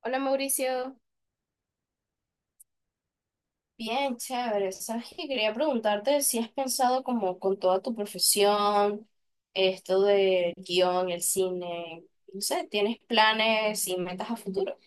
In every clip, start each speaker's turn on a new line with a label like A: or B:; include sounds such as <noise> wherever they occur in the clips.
A: Hola Mauricio. Bien, chévere. Sabes que quería preguntarte si has pensado como con toda tu profesión, esto del guión, el cine, no sé, ¿tienes planes y metas a futuro?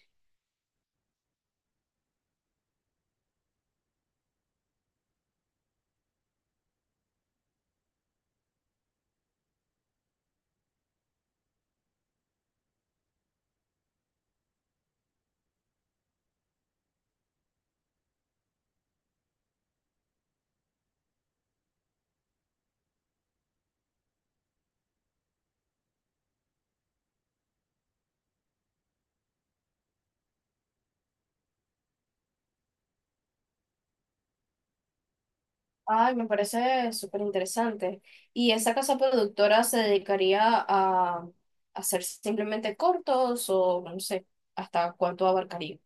A: Ay, me parece súper interesante. ¿Y esa casa productora se dedicaría a hacer simplemente cortos o no sé, hasta cuánto abarcaría?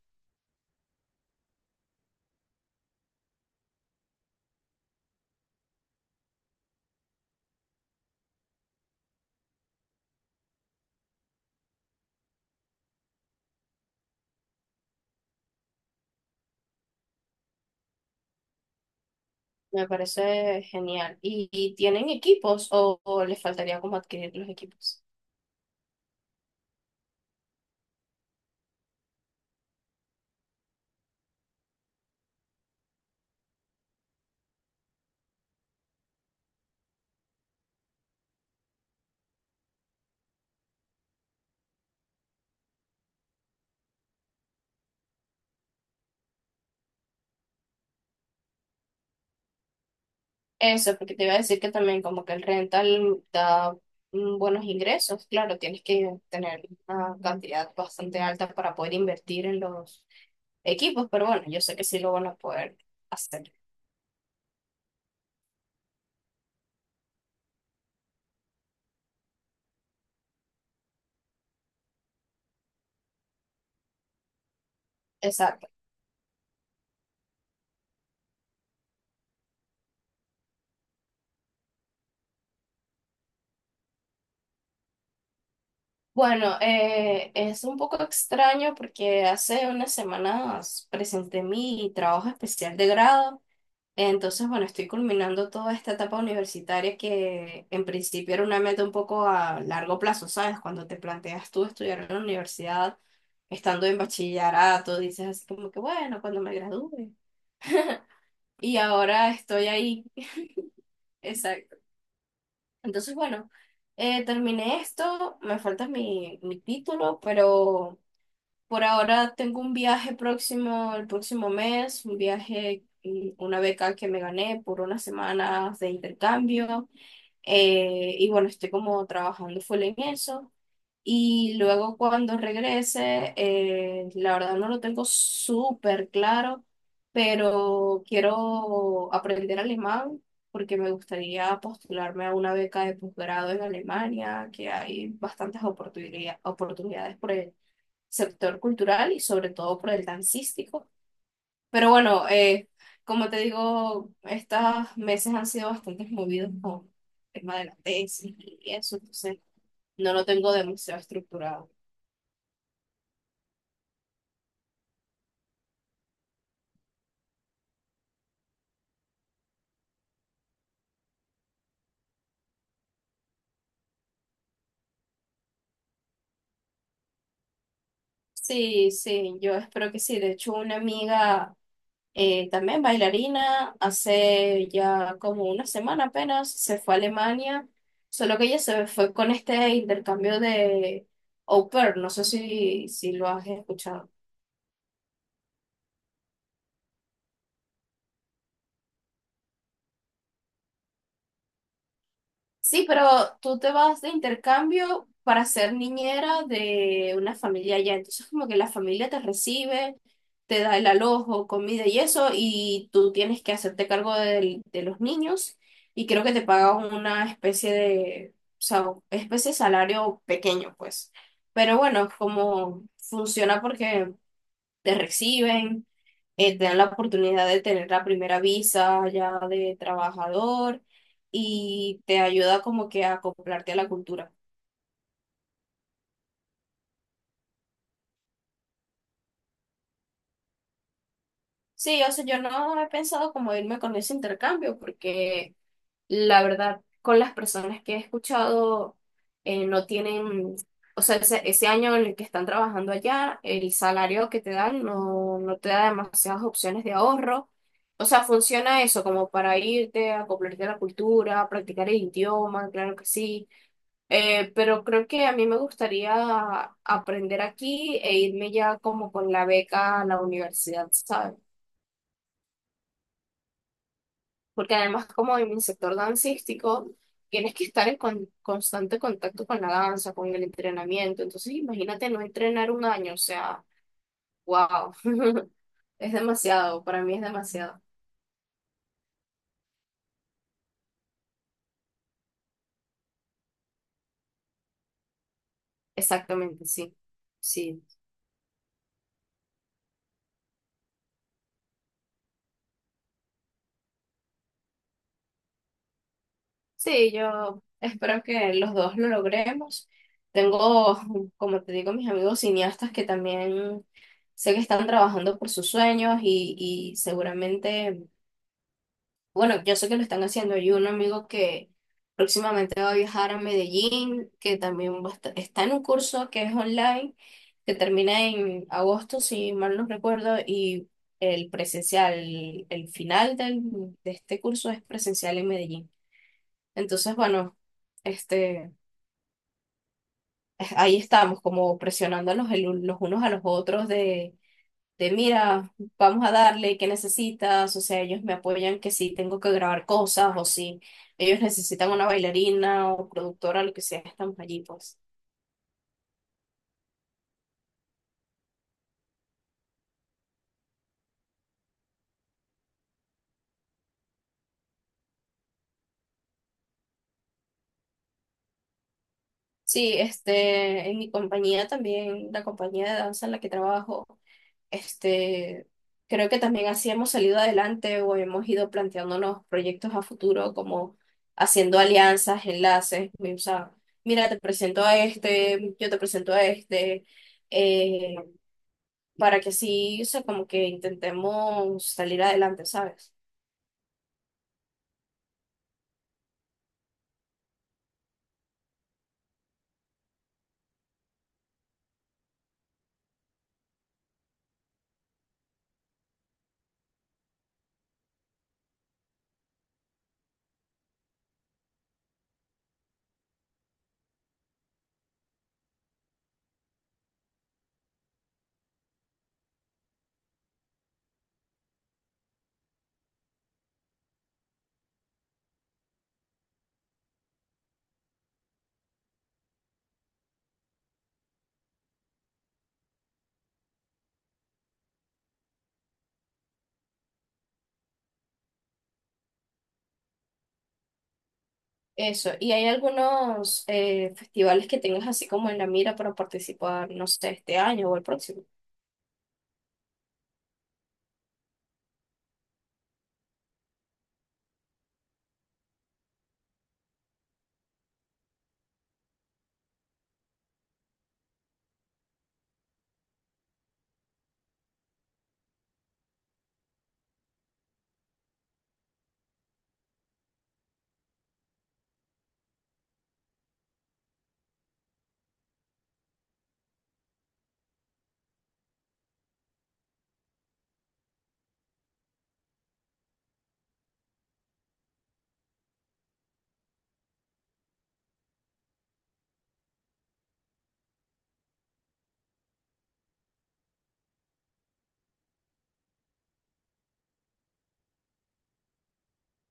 A: Me parece genial. ¿Y tienen equipos o les faltaría como adquirir los equipos? Eso, porque te iba a decir que también como que el rental da buenos ingresos. Claro, tienes que tener una cantidad bastante alta para poder invertir en los equipos, pero bueno, yo sé que sí lo van a poder hacer. Exacto. Bueno, es un poco extraño porque hace unas semanas presenté mi trabajo especial de grado. Entonces, bueno, estoy culminando toda esta etapa universitaria que en principio era una meta un poco a largo plazo, ¿sabes? Cuando te planteas tú estudiar en la universidad, estando en bachillerato, dices así como que, bueno, cuando me gradúe. <laughs> Y ahora estoy ahí. <laughs> Exacto. Entonces, bueno, terminé esto, me falta mi título, pero por ahora tengo un viaje próximo, el próximo mes, un viaje, una beca que me gané por unas semanas de intercambio. Y bueno, estoy como trabajando full en eso. Y luego cuando regrese, la verdad no lo tengo súper claro, pero quiero aprender alemán porque me gustaría postularme a una beca de posgrado en Alemania, que hay bastantes oportunidades por sector cultural y sobre todo por el dancístico. Pero bueno, como te digo, estos meses han sido bastante movidos con el tema de la tesis y eso, entonces no lo tengo demasiado estructurado. Sí, sí, yo espero que sí. De hecho, una amiga también bailarina, hace ya como una semana apenas, se fue a Alemania, solo que ella se fue con este intercambio de au pair, no sé si lo has escuchado. Sí, pero tú te vas de intercambio para ser niñera de una familia allá. Entonces, como que la familia te recibe, te da el alojo, comida y eso, y tú tienes que hacerte cargo de los niños. Y creo que te pagan una especie de, o sea, especie de salario pequeño, pues. Pero bueno, como funciona porque te reciben, te dan la oportunidad de tener la primera visa ya de trabajador y te ayuda como que a acoplarte a la cultura. Sí, o sea, yo no he pensado como irme con ese intercambio porque la verdad, con las personas que he escuchado, no tienen, o sea, ese año en el que están trabajando allá, el salario que te dan no te da demasiadas opciones de ahorro. O sea, funciona eso como para irte, acoplarte a la cultura, practicar el idioma, claro que sí. Pero creo que a mí me gustaría aprender aquí e irme ya como con la beca a la universidad, ¿sabes? Porque además como en mi sector dancístico, tienes que estar en constante contacto con la danza, con el entrenamiento. Entonces, imagínate no entrenar un año, o sea, wow, <laughs> es demasiado, para mí es demasiado. Exactamente, sí, sí. Sí, yo espero que los dos lo logremos. Tengo, <laughs> como te digo, mis amigos cineastas que también sé que están trabajando por sus sueños y seguramente... Bueno, yo sé que lo están haciendo. Hay un amigo que próximamente va a viajar a Medellín, que también va a está en un curso que es online, que termina en agosto, si mal no recuerdo, y el presencial, el final de este curso es presencial en Medellín. Entonces, bueno, este, ahí estamos como presionándonos los unos a los otros de mira, vamos a darle, ¿qué necesitas? O sea, ellos me apoyan que si tengo que grabar cosas o si ellos necesitan una bailarina o productora, lo que sea, estamos allí, pues. Sí, este, en mi compañía también, la compañía de danza en la que trabajo, este, creo que también así hemos salido adelante o hemos ido planteándonos proyectos a futuro como haciendo alianzas, enlaces, o sea, mira, te presento a este, yo te presento a este, eh, para que así, o sea, como que intentemos salir adelante, ¿sabes? Eso. ¿Y hay algunos festivales que tengas así como en la mira para participar, no sé, este año o el próximo?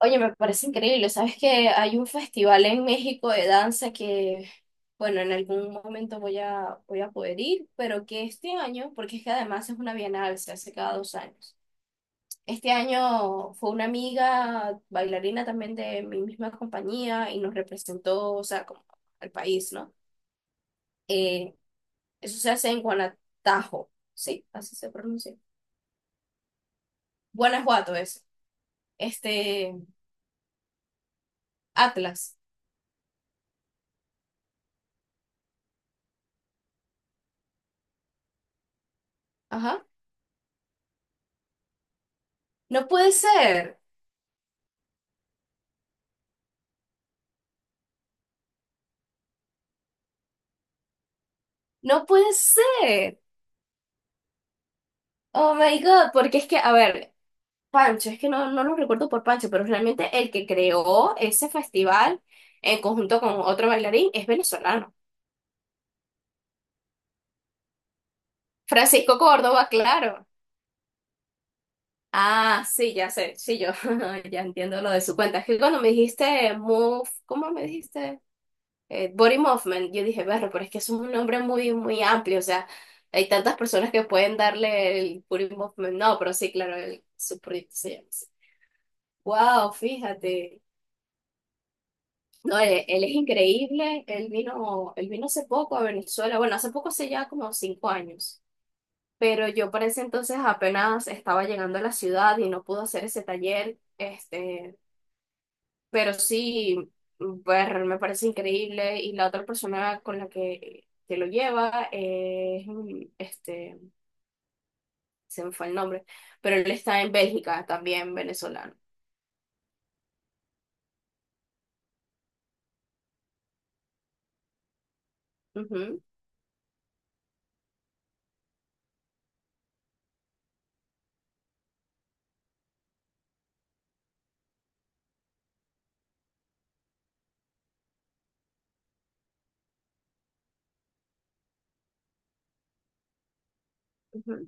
A: Oye, me parece increíble. ¿Sabes que hay un festival en México de danza que, bueno, en algún momento voy a poder ir, pero que este año, porque es que además es una bienal, se hace cada dos años. Este año fue una amiga bailarina también de mi misma compañía y nos representó, o sea, como al país, ¿no? Eh, eso se hace en Guanatajo, sí, así se pronuncia. Guanajuato es. Este, Atlas. Ajá. No puede ser. No puede ser. Oh my God, porque es que, a ver, Pancho, es que no lo recuerdo por Pancho, pero realmente el que creó ese festival en conjunto con otro bailarín es venezolano. Francisco Córdoba, claro. Ah, sí, ya sé, sí, yo <laughs> ya entiendo lo de su cuenta. Es que cuando me dijiste Move, ¿cómo me dijiste? Body Movement, yo dije, berro, pero es que es un nombre muy, muy amplio, o sea, hay tantas personas que pueden darle el Body Movement. No, pero sí, claro, el, su proyecto se llama así. Wow, fíjate. No, él es increíble, él vino hace poco a Venezuela, bueno, hace poco, hace ya como cinco años, pero yo para ese entonces apenas estaba llegando a la ciudad y no pude hacer ese taller. Este, pero sí, pues me parece increíble. Y la otra persona con la que lo lleva es, este, se me fue el nombre, pero él está en Bélgica, también venezolano. Ujú, ujú,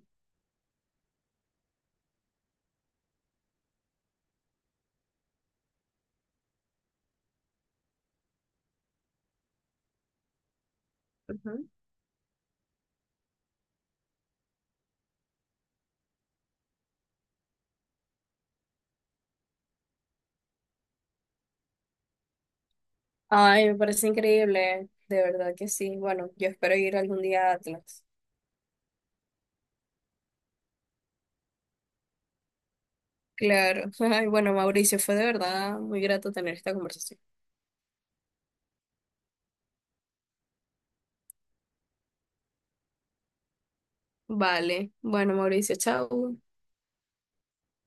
A: ujú. Ay, me parece increíble, de verdad que sí. Bueno, yo espero ir algún día a Atlas. Claro. <laughs> Ay, bueno, Mauricio, fue de verdad muy grato tener esta conversación. Vale. Bueno, Mauricio, chao.